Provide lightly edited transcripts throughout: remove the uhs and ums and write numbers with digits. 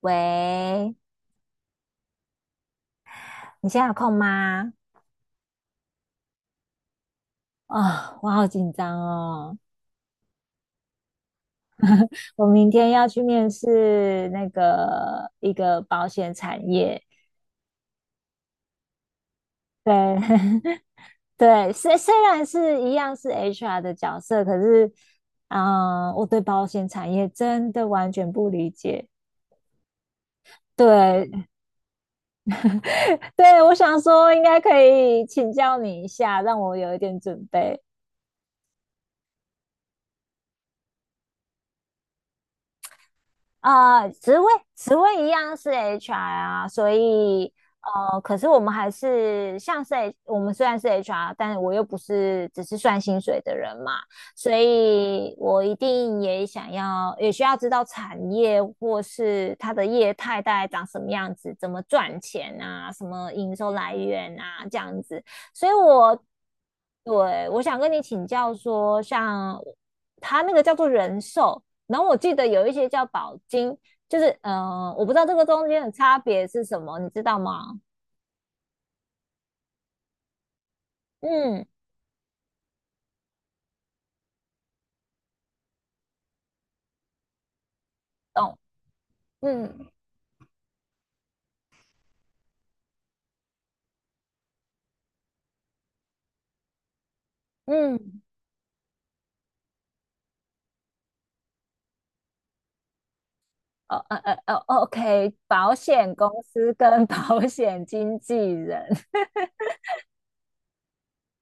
喂，你现在有空吗？啊、我好紧张哦！我明天要去面试那个一个保险产业，对 对，虽然是一样是 HR 的角色，可是，嗯、我对保险产业真的完全不理解。对 对，我想说应该可以请教你一下，让我有一点准备。啊，职位一样是 HR 啊，所以可是我们还是像是 我们虽然是 HR，但我又不是只是算薪水的人嘛，所以我一定也想要也需要知道产业或是它的业态大概长什么样子，怎么赚钱啊，什么营收来源啊，这样子，所以我对我想跟你请教说，像他那个叫做人寿。然后我记得有一些叫保金，我不知道这个中间的差别是什么，你知道吗？嗯懂，嗯嗯，哦哦，OK，保险公司跟 保险经纪人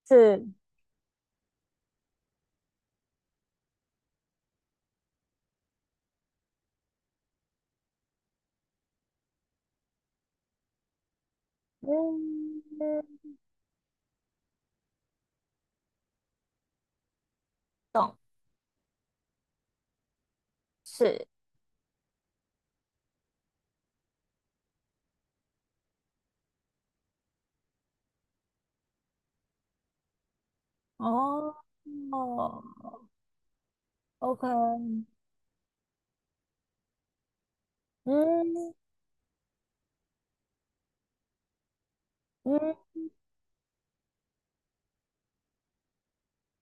是，嗯是，哦，OK，嗯嗯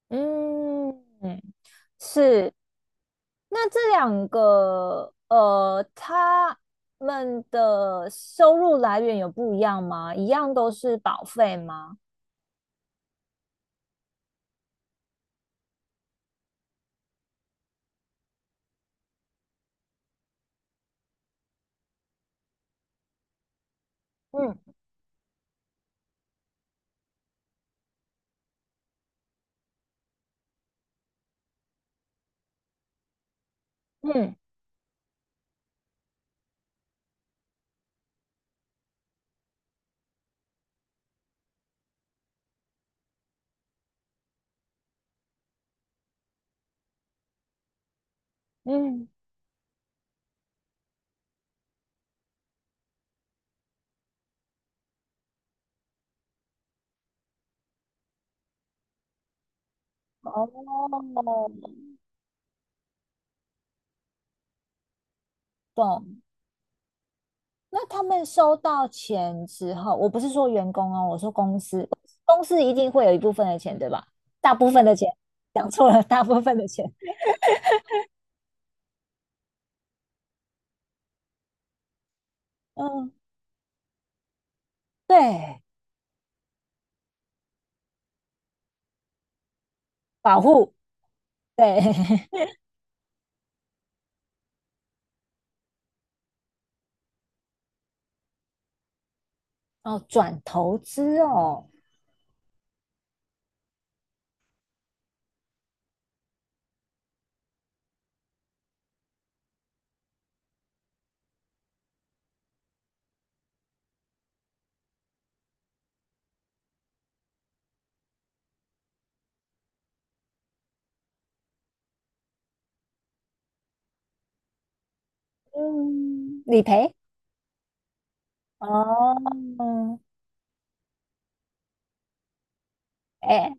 嗯，是。那这两个，他们的收入来源有不一样吗？一样都是保费吗？嗯嗯，嗯，哦，懂。那他们收到钱之后，我不是说员工哦，我说公司，公司一定会有一部分的钱，对吧？大部分的钱，讲错了，大部分的钱，嗯，对，保护，对，哦，转投资哦，嗯，理赔哦，哎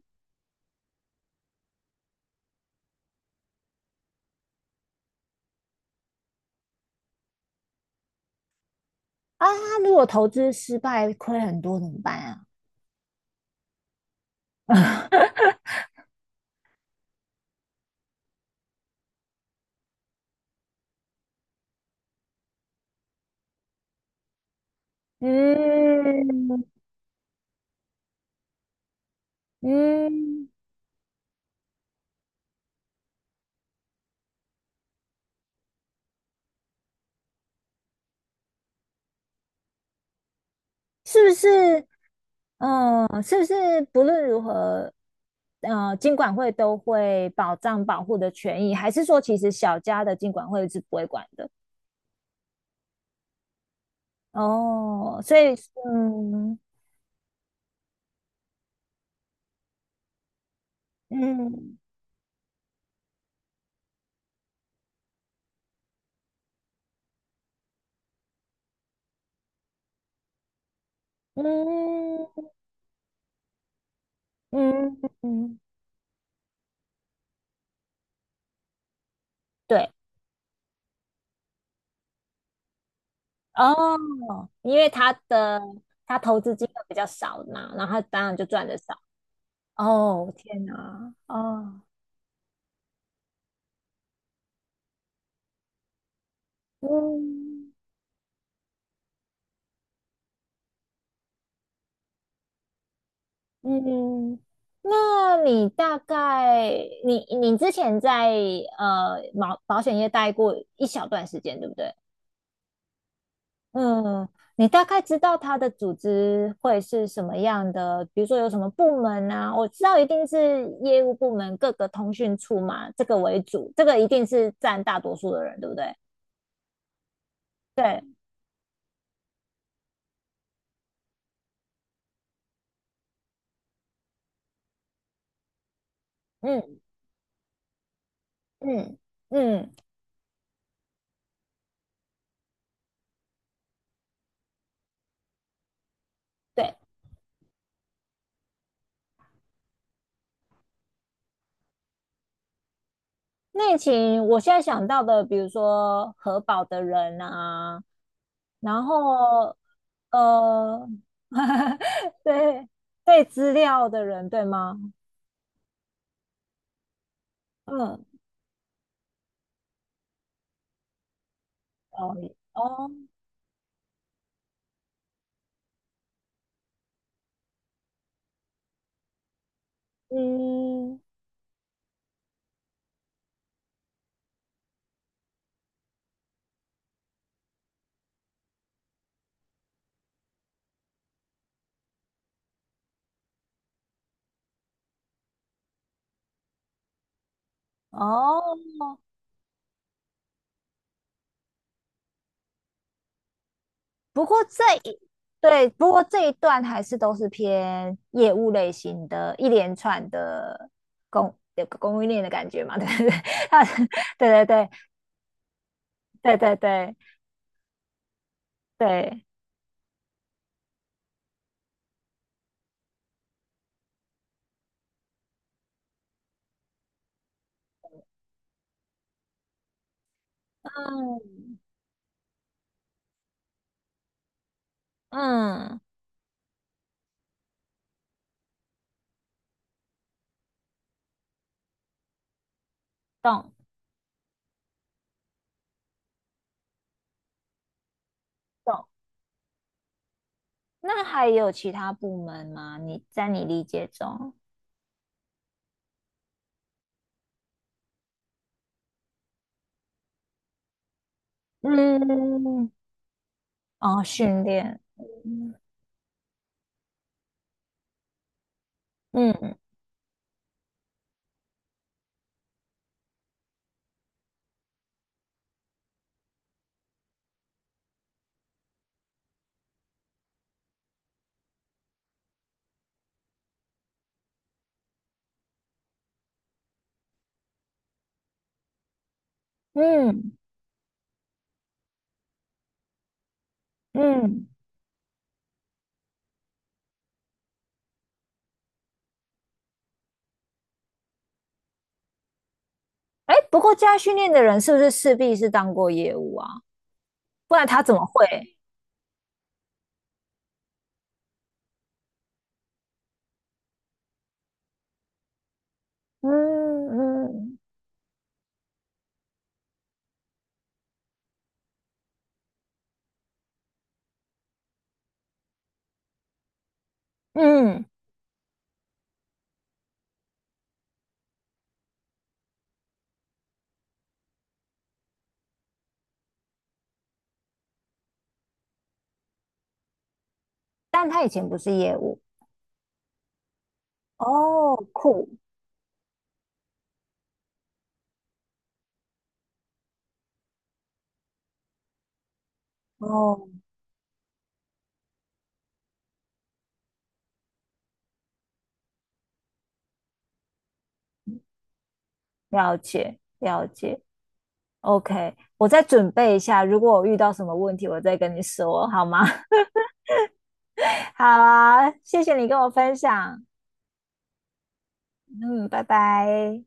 啊，如果投资失败亏很多怎么办啊？嗯嗯，是不是？嗯，是不是不论如何，金管会都会保障保护的权益，还是说其实小家的金管会是不会管的？哦，所以嗯嗯嗯嗯嗯，对。哦，因为他的他投资金额比较少嘛，然后他当然就赚的少。哦，天哪！哦，嗯嗯，那你大概你之前在保险业待过一小段时间，对不对？嗯，你大概知道它的组织会是什么样的？比如说有什么部门啊？我知道一定是业务部门各个通讯处嘛，这个为主，这个一定是占大多数的人，对不对？对，嗯嗯嗯，对，内勤，我现在想到的，比如说核保的人啊，然后呃，对对，资料的人，对吗？嗯，哦哦，嗯哦，不过这一对，不过这一段还是都是偏业务类型的，一连串的供有个供应链的感觉嘛，对对对，对对对对对对对，嗯嗯，懂懂。那还有其他部门吗？你在你理解中，嗯，哦，训练，嗯嗯嗯嗯，哎、不过加训练的人是不是势必是当过业务啊？不然他怎么会？嗯嗯嗯，但他以前不是业务哦，酷哦，了解了解。OK，我再准备一下，如果我遇到什么问题，我再跟你说，好吗？好啊，谢谢你跟我分享，嗯，拜拜。